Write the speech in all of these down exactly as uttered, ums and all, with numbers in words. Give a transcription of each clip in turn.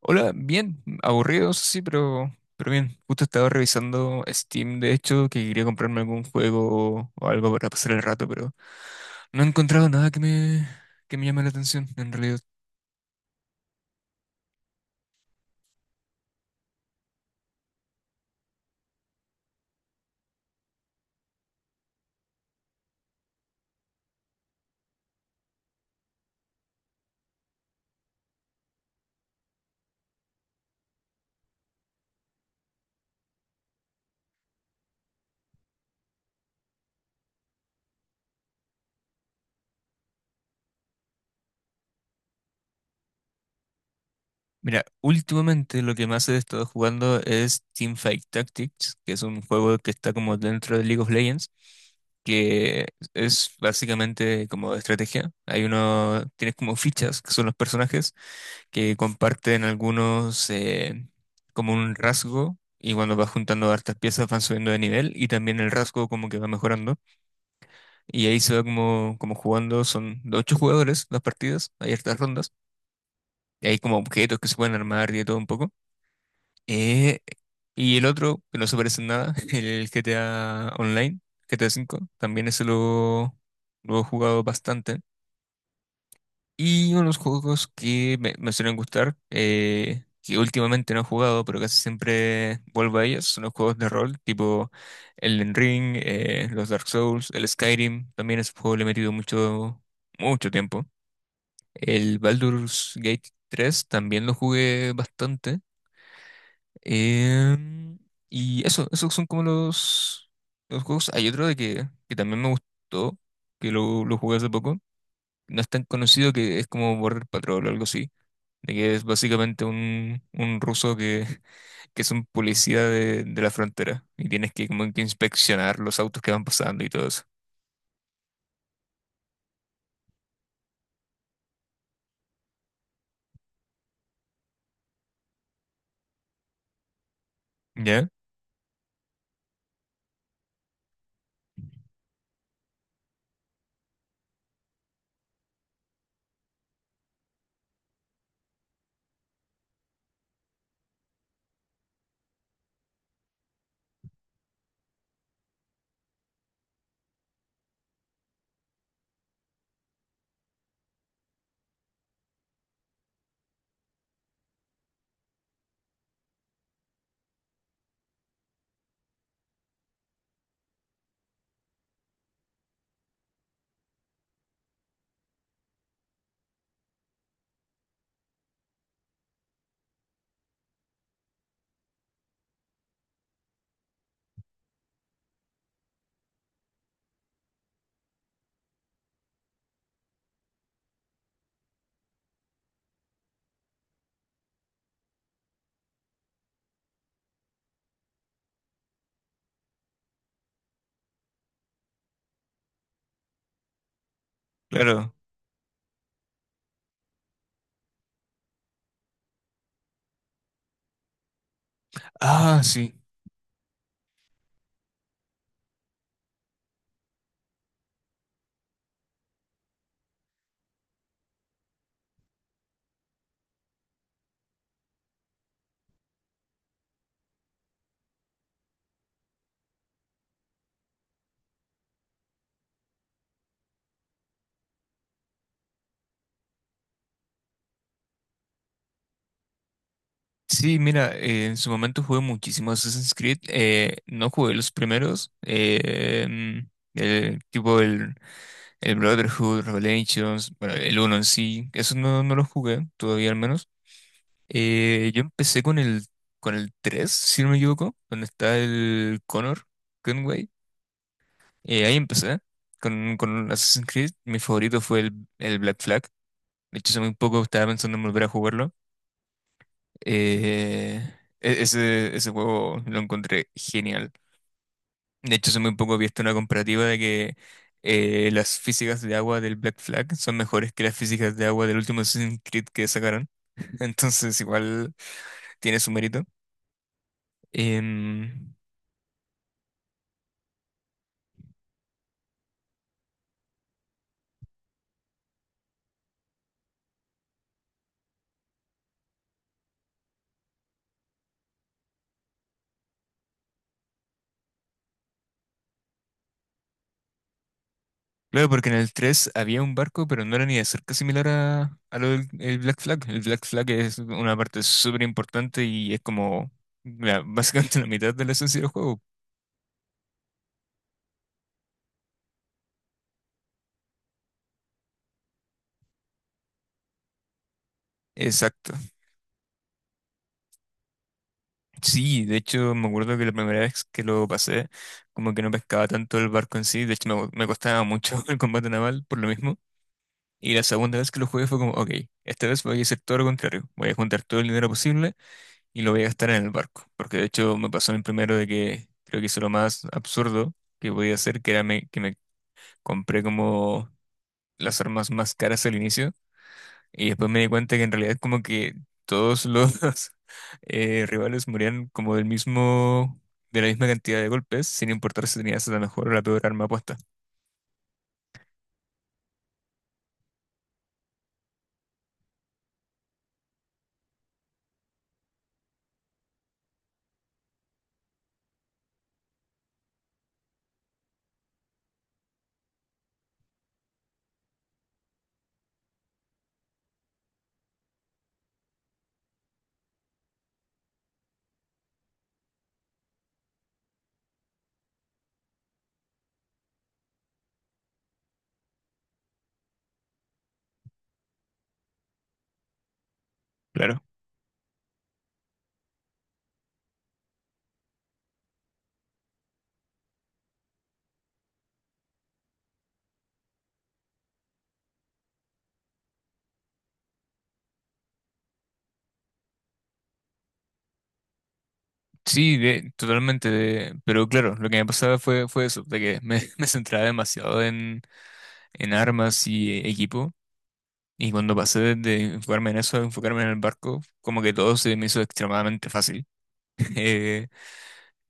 Hola, bien, aburrido, eso sí, pero, pero bien. Justo estaba revisando Steam, de hecho, que quería comprarme algún juego o algo para pasar el rato, pero no he encontrado nada que me, que me llame la atención, en realidad. Mira, últimamente lo que más he estado jugando es Teamfight Tactics, que es un juego que está como dentro de League of Legends, que es básicamente como de estrategia. Hay uno, tienes como fichas, que son los personajes, que comparten algunos eh, como un rasgo y cuando vas juntando hartas piezas van subiendo de nivel y también el rasgo como que va mejorando y ahí se va como, como jugando. Son de ocho jugadores las partidas, hay hartas rondas y hay como objetos que se pueden armar y de todo un poco. Eh, y el otro, que no se parece en nada, el G T A Online, G T A cinco también ese lo, lo he jugado bastante. Y unos juegos que me, me suelen gustar, eh, que últimamente no he jugado, pero casi siempre vuelvo a ellos, son los juegos de rol, tipo Elden Ring, eh, los Dark Souls, el Skyrim, también ese juego le he metido mucho, mucho tiempo. El Baldur's Gate tres también lo jugué bastante. em, y eso, esos son como los, los juegos. Hay otro de que, que también me gustó, que lo, lo jugué hace poco. No es tan conocido, que es como Border Patrol o algo así, de que es básicamente un, un ruso que, que es un policía de, de la frontera, y tienes que como que inspeccionar los autos que van pasando y todo eso. ¿Ya? Claro. Ah, sí. Sí, mira, eh, en su momento jugué muchísimo Assassin's Creed. Eh, no jugué los primeros. eh, mm, el tipo el, el Brotherhood, Revelations, bueno, el uno en sí. Eso no, no lo jugué todavía, al menos. Eh, yo empecé con el, con el tres, si no me equivoco, donde está el Connor Gunway. Eh, ahí empecé con, con Assassin's Creed. Mi favorito fue el, el Black Flag. De hecho, hace muy poco estaba pensando en volver a jugarlo. Eh, e- ese, ese juego lo encontré genial. De hecho, hace muy poco he visto una comparativa de que eh, las físicas de agua del Black Flag son mejores que las físicas de agua del último Assassin's Creed que sacaron. Entonces, igual tiene su mérito. Em, Claro, porque en el tres había un barco, pero no era ni de cerca similar a, a lo del el Black Flag. El Black Flag es una parte súper importante y es como la- básicamente la mitad de la esencia del juego. Exacto. Sí, de hecho me acuerdo que la primera vez que lo pasé, como que no pescaba tanto el barco en sí. De hecho me, me costaba mucho el combate naval por lo mismo. Y la segunda vez que lo jugué fue como, ok, esta vez voy a hacer todo lo contrario, voy a juntar todo el dinero posible y lo voy a gastar en el barco, porque de hecho me pasó en el primero de que creo que hice lo más absurdo que podía hacer, que era me- que me compré como las armas más caras al inicio, y después me di cuenta que en realidad como que todos los eh, rivales morían como del mismo, de la misma cantidad de golpes, sin importar si tenías la mejor o la peor arma puesta. Claro. Sí, de- totalmente, de- pero claro, lo que me pasaba fue, fue, eso, de que me, me centraba demasiado en, en armas y eh, equipo. Y cuando pasé de enfocarme en eso a enfocarme en el barco, como que todo se me hizo extremadamente fácil. Eh,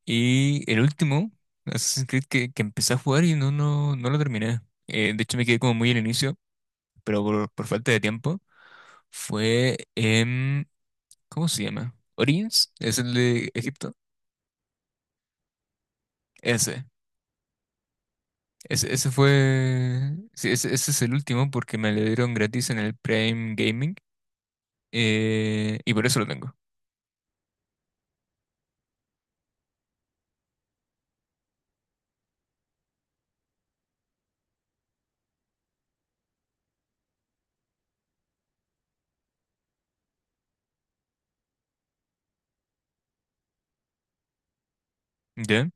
y el último Assassin's Creed, que, que empecé a jugar y no, no, no lo terminé. Eh, de hecho, me quedé como muy al inicio, pero por, por falta de tiempo, fue en... ¿Cómo se llama? Origins, es el de Egipto. Ese. Ese, ese fue... sí, ese, ese es el último porque me lo dieron gratis en el Prime Gaming. Eh, y por eso lo tengo. ¿Ya?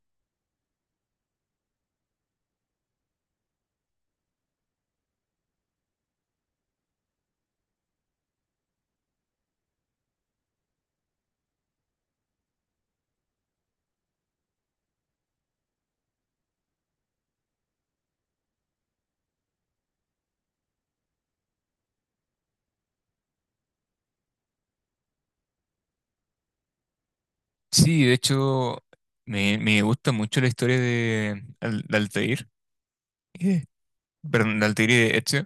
Sí, de hecho, me, me gusta mucho la historia de, Al- de Altair, eh, perdón, de Altair y de Ezio.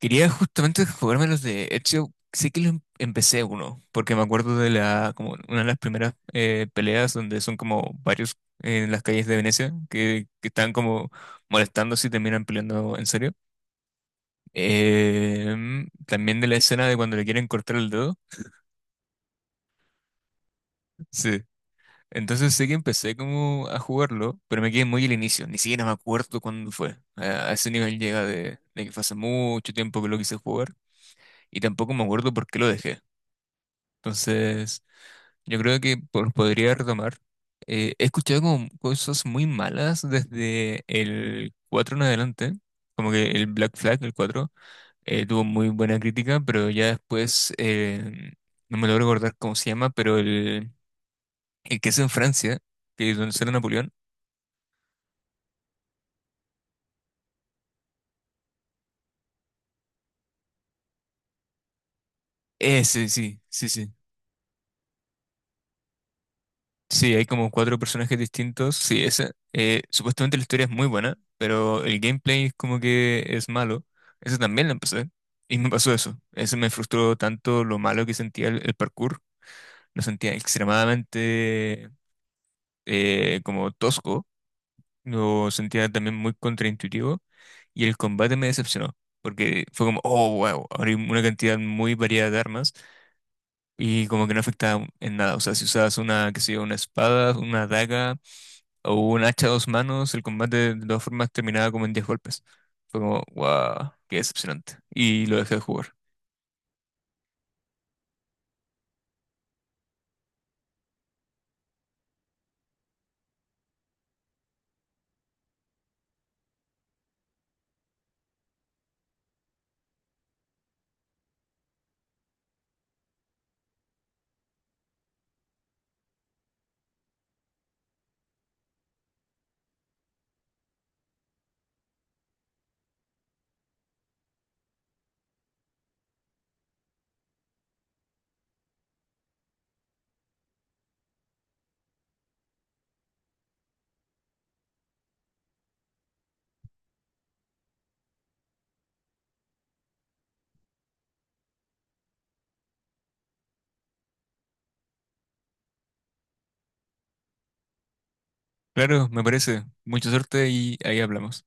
Quería justamente jugarme los de Ezio, sí que los em- empecé uno, porque me acuerdo de la, como una de las primeras eh, peleas donde son como varios en las calles de Venecia, que, que están como molestando, si terminan peleando en serio. Em, también de la escena de cuando le quieren cortar el dedo. Sí. Entonces sé que empecé como a jugarlo, pero me quedé muy al inicio, ni siquiera me acuerdo cuándo fue. A a ese nivel llega, de, de que fue hace mucho tiempo que lo quise jugar, y tampoco me acuerdo por qué lo dejé. Entonces yo creo que por- podría retomar. Eh, he escuchado como cosas muy malas desde el cuatro en adelante, como que el Black Flag, el cuatro eh, tuvo muy buena crítica, pero ya después eh, no me logro recordar cómo se llama, pero el, el que es en Francia, que es donde sale Napoleón. Ese, sí, sí, sí. Sí, sí, hay como cuatro personajes distintos. Sí, ese. Eh, supuestamente la historia es muy buena, pero el gameplay es como que es malo. Ese también lo empecé. Y me pasó eso. Ese me frustró tanto lo malo que sentía el, el parkour. Lo sentía extremadamente eh, como tosco. Lo sentía también muy contraintuitivo. Y el combate me decepcionó, porque fue como, oh, wow, ahora hay una cantidad muy variada de armas, y como que no afectaba en nada. O sea, si usabas una, qué sé yo, una espada, una daga o un hacha a dos manos, el combate de todas formas terminaba como en diez golpes. Fue como, wow, qué decepcionante. Y lo dejé de jugar. Claro, me parece. Mucha suerte y ahí hablamos.